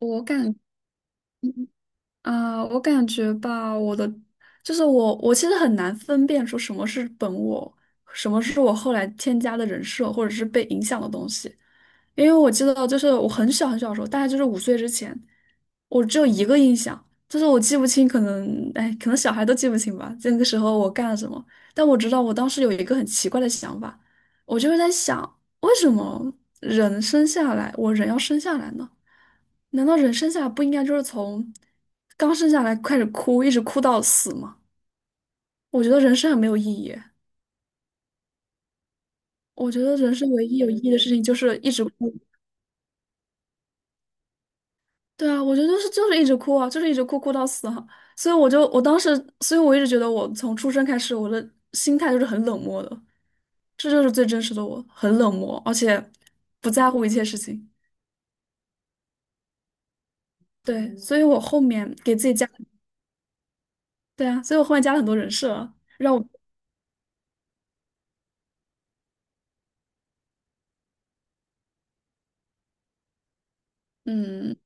我感我感觉吧，我的就是我，我其实很难分辨出什么是本我，什么是我后来添加的人设或者是被影响的东西。因为我记得就是我很小很小的时候，大概就是5岁之前，我只有一个印象，就是我记不清，可能哎，可能小孩都记不清吧，那个时候我干了什么，但我知道我当时有一个很奇怪的想法，我就是在想，为什么人生下来，我人要生下来呢？难道人生下来不应该就是从刚生下来开始哭，一直哭到死吗？我觉得人生很没有意义。我觉得人生唯一有意义的事情就是一直哭。对啊，我觉得就是一直哭啊，就是一直哭哭到死啊。所以我就我当时，所以我一直觉得我从出生开始，我的心态就是很冷漠的，这就是最真实的我，很冷漠，而且不在乎一切事情。对，所以我后面给自己加，对啊，所以我后面加了很多人设啊让我，嗯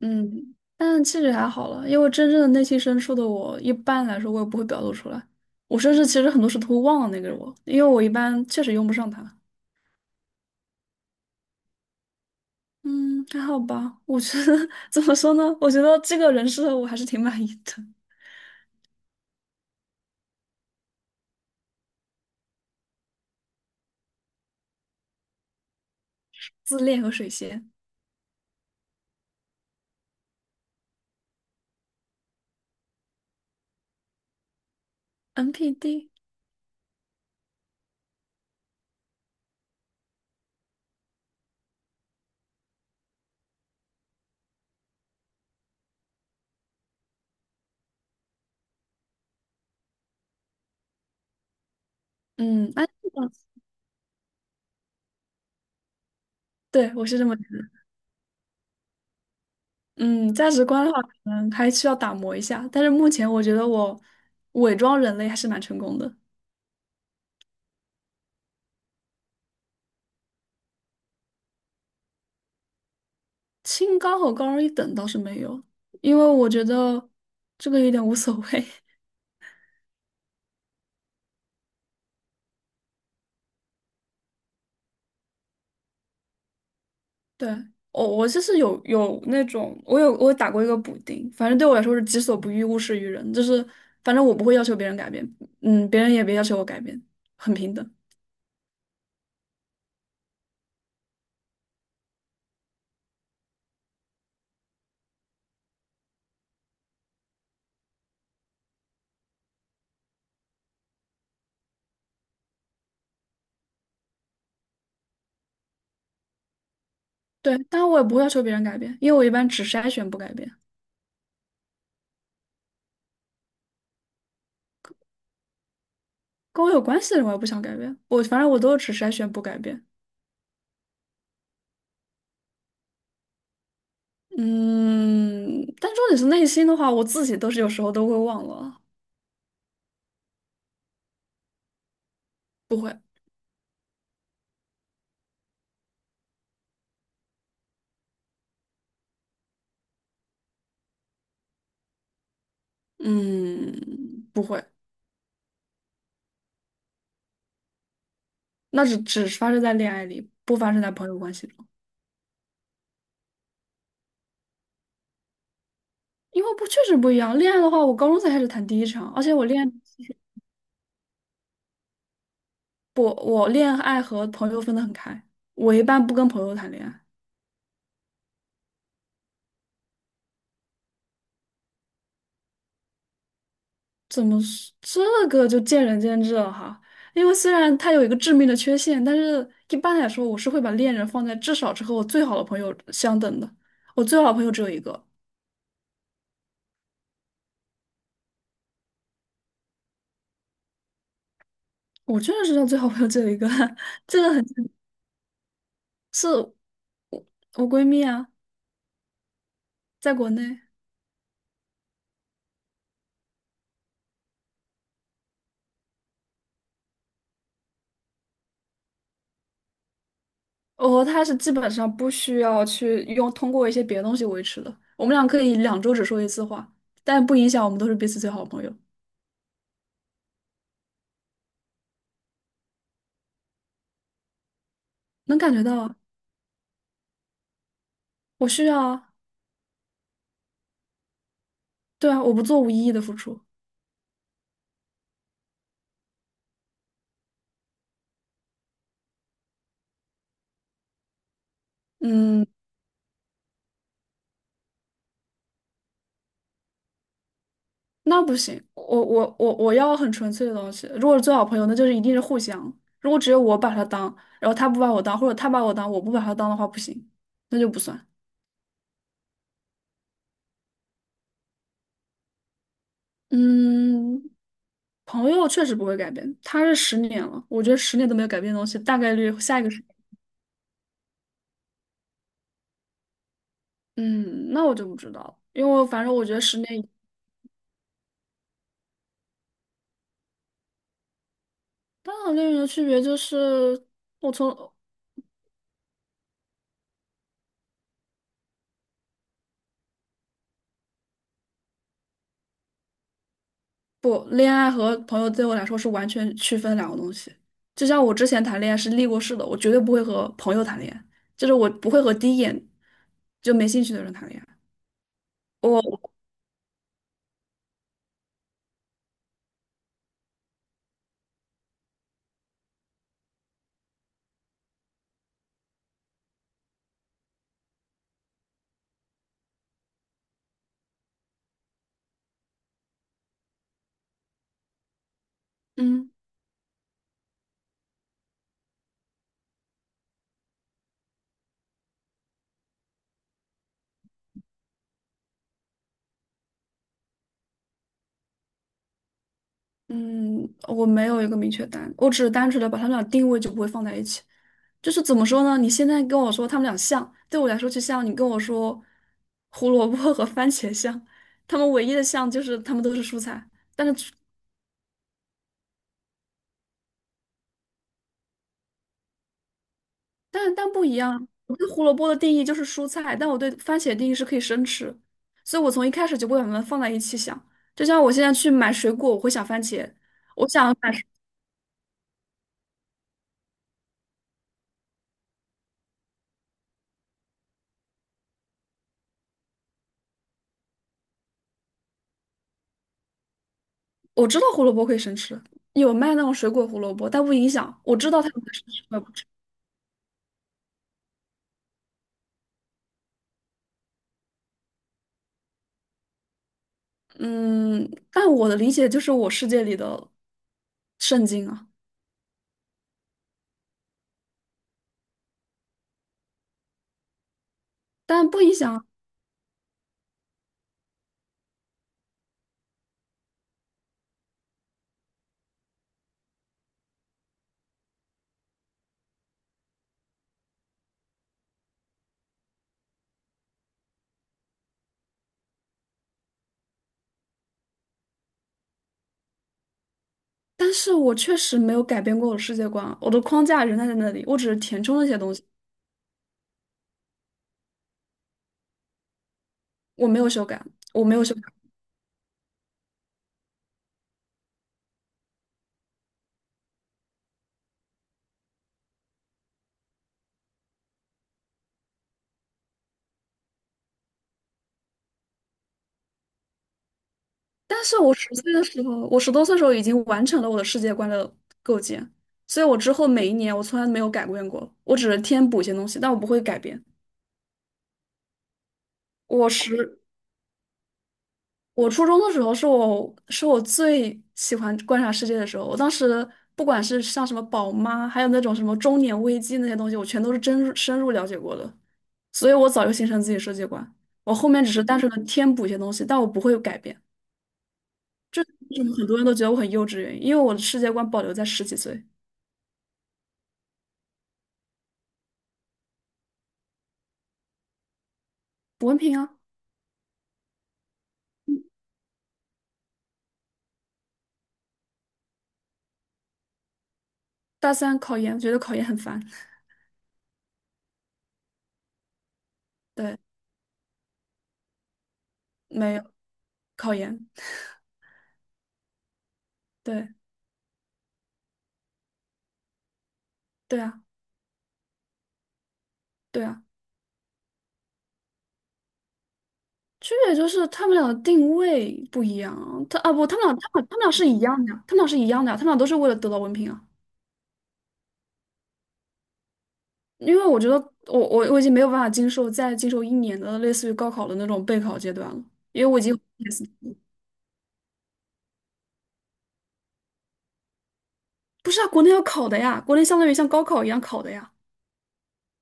嗯，但其实还好了，因为真正的内心深处的我，一般来说我也不会表露出来，我甚至其实很多事都会忘了那个我，因为我一般确实用不上他。嗯，还好吧。我觉得 怎么说呢？我觉得这个人设我还是挺满意的。自恋和水仙，NPD，嗯，安逸吧。对，我是这么觉得。嗯，价值观的话，可能还需要打磨一下。但是目前我觉得我伪装人类还是蛮成功的。清高和高人一等倒是没有，因为我觉得这个有点无所谓。对，我就是有那种，我打过一个补丁，反正对我来说是己所不欲，勿施于人，就是反正我不会要求别人改变，嗯，别人也别要求我改变，很平等。对，当然我也不会要求别人改变，因为我一般只筛选不改变，跟我有关系的人我也不想改变，反正我都是只筛选不改变。嗯，但重点是内心的话，我自己都是有时候都会忘了，不会，嗯，不会，那只发生在恋爱里，不发生在朋友关系中。因为不确实不一样。恋爱的话，我高中才开始谈第一场，而且不，我恋爱和朋友分得很开。我一般不跟朋友谈恋爱，怎么说这个就见仁见智了哈。因为虽然它有一个致命的缺陷，但是一般来说，我是会把恋人放在至少是和我最好的朋友相等的。我最好的朋友只有一个，我确实知道最好朋友只有一个，这个很，我闺蜜啊，在国内。哦，他是基本上不需要去用通过一些别的东西维持的。我们俩可以2周只说一次话，但不影响我们都是彼此最好的朋友。能感觉到啊，我需要啊，对啊，我不做无意义的付出。嗯，那不行，我要很纯粹的东西。如果是最好朋友，那就是一定是互相。如果只有我把他当，然后他不把我当，或者他把我当，我不把他当的话，不行，那就不算。嗯，朋友确实不会改变，他是十年了，我觉得十年都没有改变的东西，大概率下一个。嗯，那我就不知道了，因为反正我觉得十年以当然恋人的区别就是，我从不，恋爱和朋友对我来说是完全区分两个东西。就像我之前谈恋爱是立过誓的，我绝对不会和朋友谈恋爱，就是我不会和第一眼就没兴趣的人谈恋爱。我嗯。嗯，我没有一个明确答案，我只是单纯的把他们俩定位就不会放在一起。就是怎么说呢？你现在跟我说他们俩像，对我来说就像你跟我说胡萝卜和番茄像，它们唯一的像就是它们都是蔬菜，但是不一样。我对胡萝卜的定义就是蔬菜，但我对番茄的定义是可以生吃，所以我从一开始就不会把它们放在一起想。就像我现在去买水果，我会想番茄；我想买我知道胡萝卜可以生吃，有卖那种水果胡萝卜，但不影响。我知道它有可以生吃，我也不吃。嗯，但我的理解就是我世界里的圣经啊。但不影响。但是我确实没有改变过我的世界观啊，我的框架仍然在那里，我只是填充了一些东西，我没有修改，我没有修改。但是我10岁的时候，我10多岁的时候已经完成了我的世界观的构建，所以我之后每一年我从来没有改变过，我只是添补一些东西，但我不会改变。我十我初中的时候是我最喜欢观察世界的时候。我当时不管是像什么宝妈，还有那种什么中年危机那些东西，我全都是深入了解过的，所以我早就形成自己世界观。我后面只是单纯的添补一些东西，但我不会有改变。为什么很多人都觉得我很幼稚？原因，因为我的世界观保留在10几岁。补文凭啊，大三考研，觉得考研很烦。对，没有考研。对，对啊，对啊。区别就是他们俩的定位不一样啊，不，他们俩是一样的，他们俩是一样的，他们俩都是为了得到文凭啊。因为我觉得我已经没有办法经受再经受一年的类似于高考的那种备考阶段了，因为我已经有 P S D 了。不是啊，国内要考的呀，国内相当于像高考一样考的呀，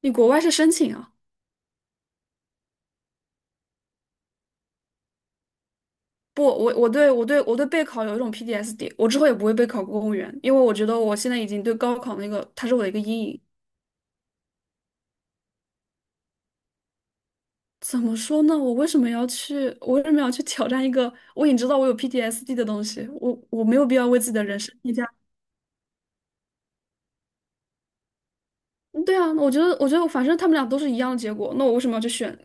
你国外是申请啊。不，我对备考有一种 p d s d。 我之后也不会备考公务员，因为我觉得我现在已经对高考那个它是我的一个阴影。怎么说呢？我为什么要去？我为什么要去挑战一个我已经知道我有 PTSD 的东西？我没有必要为自己的人生添加。嗯对啊，我觉得，反正他们俩都是一样的结果，那我为什么要去选？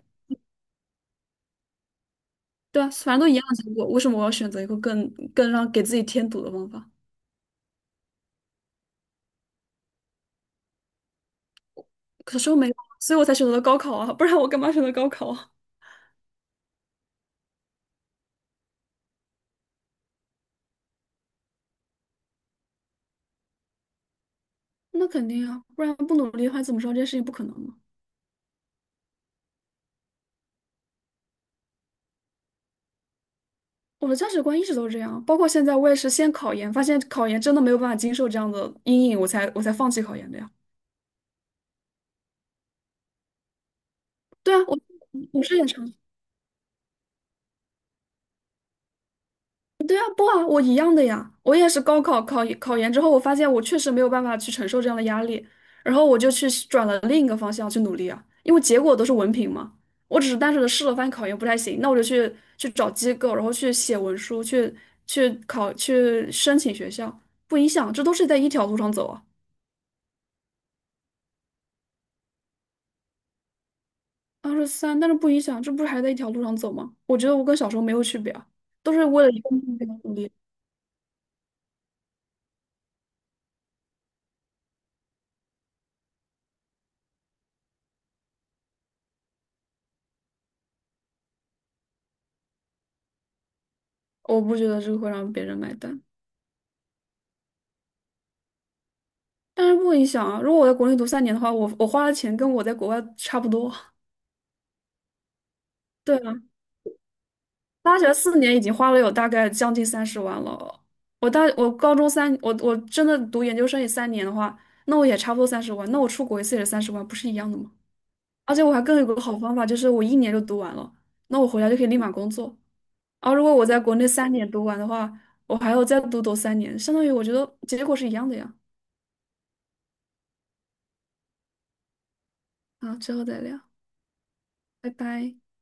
对啊，反正都一样的结果，为什么我要选择一个更让给自己添堵的方法？可是我没有，所以我才选择了高考啊，不然我干嘛选择高考啊？那肯定啊，不然不努力的话，你怎么知道这件事情不可能呢？我的价值观一直都是这样，包括现在我也是先考研，发现考研真的没有办法经受这样的阴影，我才放弃考研的呀。对啊，我是也尝试对啊，不啊，我一样的呀，我也是考考研之后，我发现我确实没有办法去承受这样的压力，然后我就去转了另一个方向去努力啊，因为结果都是文凭嘛，我只是单纯的试了，发现考研不太行，那我就去找机构，然后去写文书，去考去申请学校，不影响，这都是在一条路上走啊，23，但是不影响，这不是还在一条路上走吗？我觉得我跟小时候没有区别啊，都是为了一个目标努力，我不觉得这个会让别人买单。但是不影响啊！如果我在国内读三年的话，我花的钱跟我在国外差不多。对啊，大学4年已经花了有大概将近三十万了。我高中三，我真的读研究生也三年的话，那我也差不多三十万。那我出国一次也是三十万，不是一样的吗？而且我还更有个好方法，就是我一年就读完了，那我回来就可以立马工作。而如果我在国内三年读完的话，我还要再读三年，相当于我觉得结果是一样的呀。啊，之后再聊，拜拜。